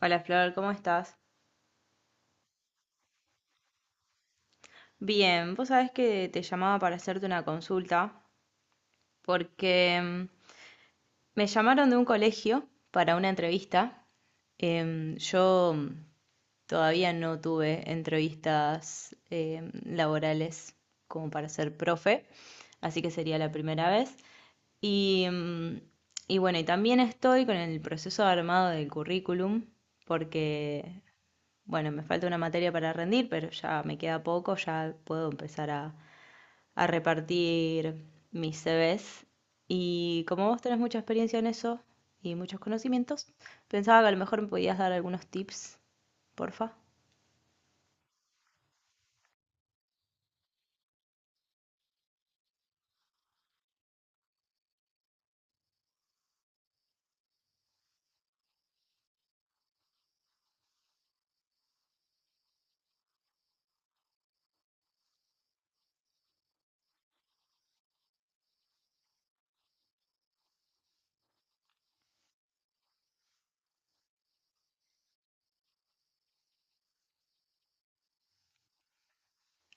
Hola Flor, ¿cómo estás? Bien, vos sabés que te llamaba para hacerte una consulta porque me llamaron de un colegio para una entrevista. Yo todavía no tuve entrevistas laborales como para ser profe, así que sería la primera vez. Y, mm, y bueno, y también estoy con el proceso de armado del currículum, porque bueno, me falta una materia para rendir, pero ya me queda poco, ya puedo empezar a repartir mis CVs. Y como vos tenés mucha experiencia en eso y muchos conocimientos, pensaba que a lo mejor me podías dar algunos tips, porfa.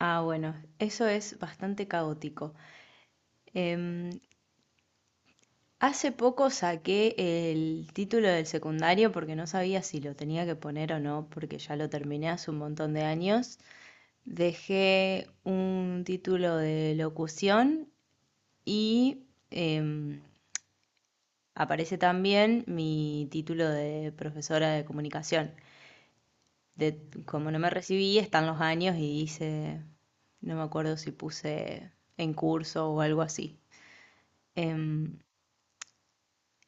Ah, bueno, eso es bastante caótico. Em, hace poco saqué el título del secundario porque no sabía si lo tenía que poner o no, porque ya lo terminé hace un montón de años. Dejé un título de locución y em, aparece también mi título de profesora de comunicación. De, como no me recibí, están los años y hice, no me acuerdo si puse en curso o algo así. Em,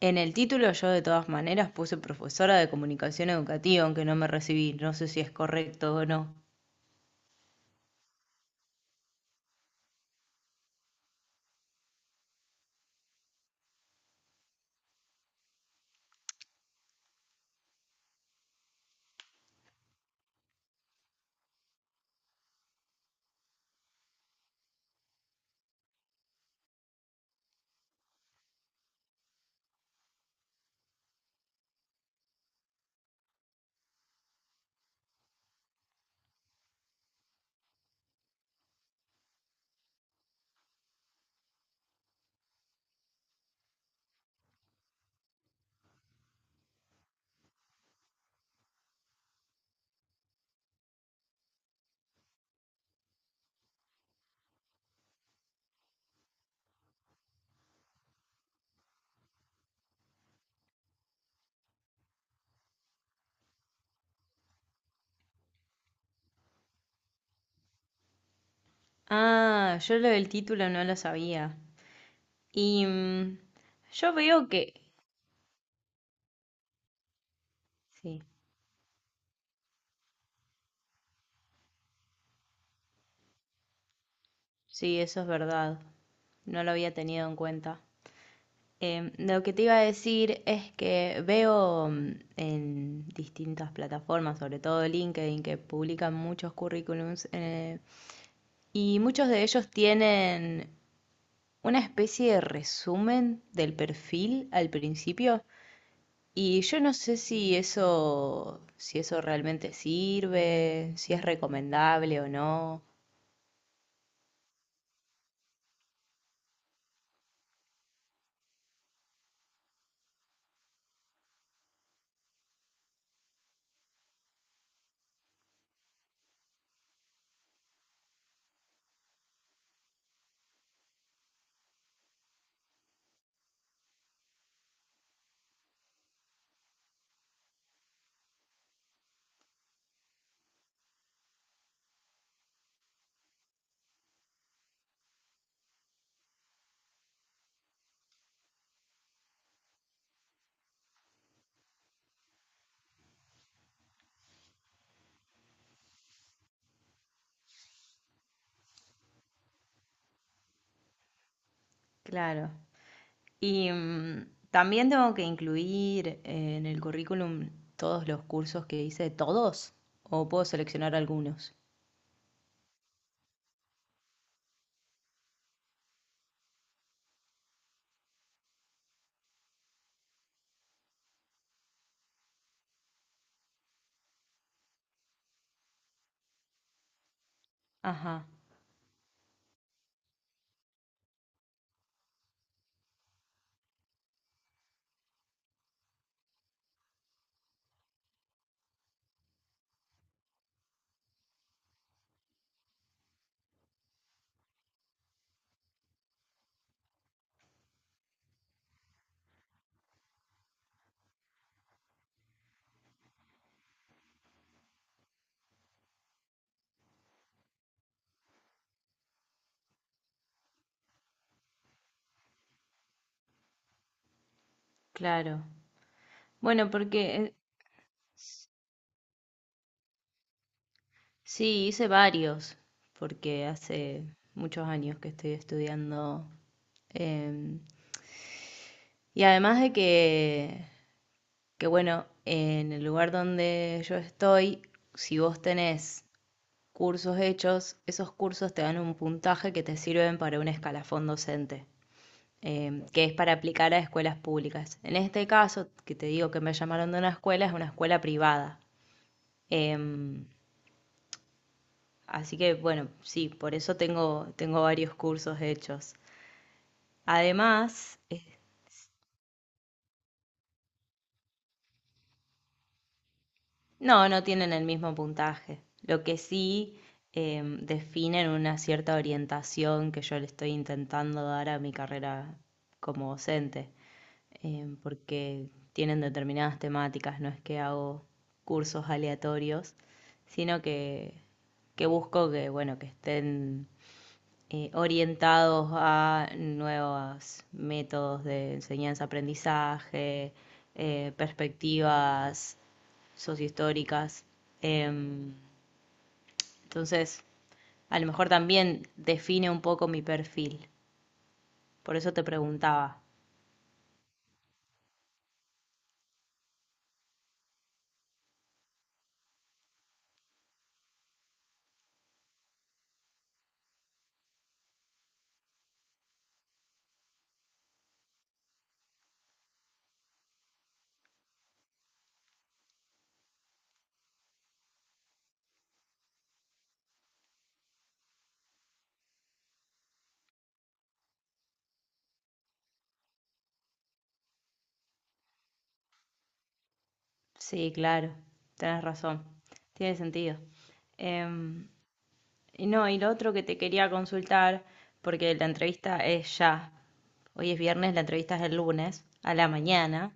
en el título yo de todas maneras puse profesora de comunicación educativa, aunque no me recibí. No sé si es correcto o no. Ah, yo lo del título no lo sabía. Y mm, yo veo que... Sí, sí, eso es verdad. No lo había tenido en cuenta. Lo que te iba a decir es que veo en distintas plataformas, sobre todo LinkedIn, que publican muchos currículums y muchos de ellos tienen una especie de resumen del perfil al principio. Y yo no sé si eso realmente sirve, si es recomendable o no. Claro. También tengo que incluir en el currículum todos los cursos que hice, todos, o puedo seleccionar algunos. Ajá, claro. Bueno, porque sí, hice varios, porque hace muchos años que estoy estudiando. em, y además de que, bueno, en el lugar donde yo estoy, si vos tenés cursos hechos, esos cursos te dan un puntaje que te sirven para un escalafón docente. Que es para aplicar a escuelas públicas. En este caso, que te digo que me llamaron de una escuela, es una escuela privada. Em, así que bueno, sí, por eso tengo varios cursos hechos. Además, no, no tienen el mismo puntaje. Lo que sí definen una cierta orientación que yo le estoy intentando dar a mi carrera como docente. Porque tienen determinadas temáticas, no es que hago cursos aleatorios, sino que busco que, bueno, que estén orientados a nuevos métodos de enseñanza-aprendizaje, perspectivas sociohistóricas. Em, entonces, a lo mejor también define un poco mi perfil. Por eso te preguntaba. Sí, claro, tenés razón, tiene sentido. Em, y no, y lo otro que te quería consultar, porque la entrevista es ya, hoy es viernes, la entrevista es el lunes, a la mañana.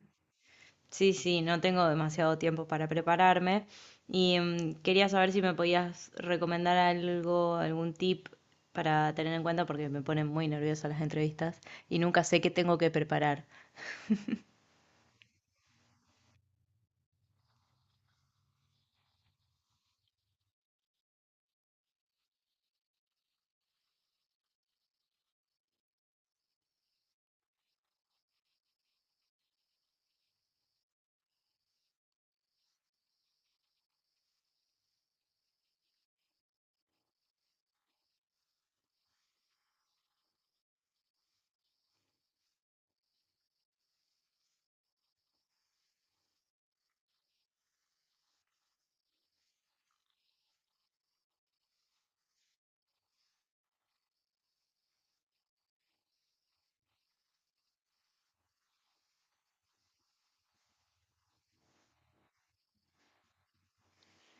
Sí, sí, no tengo demasiado tiempo para prepararme y quería saber si me podías recomendar algo, algún tip para tener en cuenta, porque me ponen muy nerviosa las entrevistas y nunca sé qué tengo que preparar.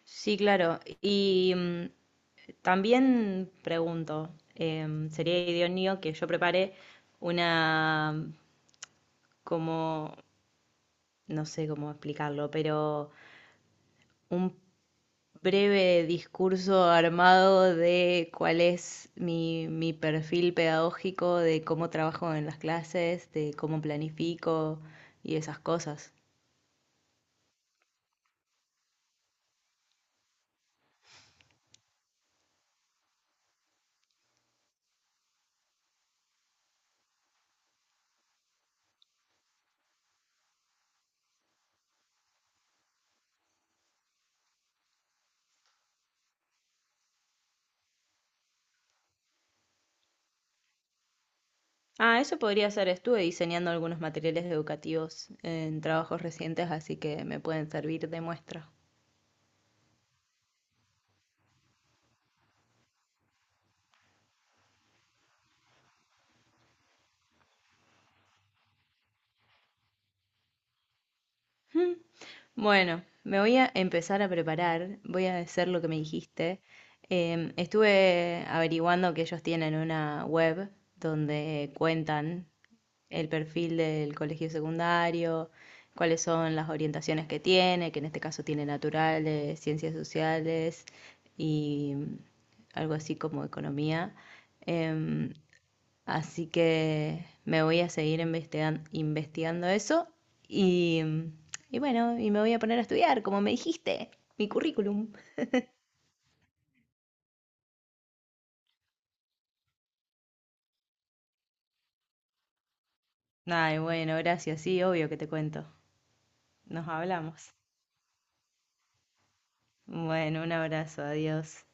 Sí, claro. También pregunto, sería idóneo que yo prepare una, como, no sé cómo explicarlo, pero un breve discurso armado de cuál es mi perfil pedagógico, de cómo trabajo en las clases, de cómo planifico y esas cosas. Ah, eso podría ser. Estuve diseñando algunos materiales educativos en trabajos recientes, así que me pueden servir de muestra. Bueno, me voy a empezar a preparar, voy a hacer lo que me dijiste. Estuve averiguando que ellos tienen una web donde cuentan el perfil del colegio secundario, cuáles son las orientaciones que tiene, que en este caso tiene naturales, ciencias sociales y algo así como economía. Em, Así que me voy a investigando eso y, y bueno, y me voy a poner a estudiar, como me dijiste, mi currículum. Ay, bueno, gracias, sí, obvio que te cuento. Nos hablamos. Bueno, un abrazo, adiós.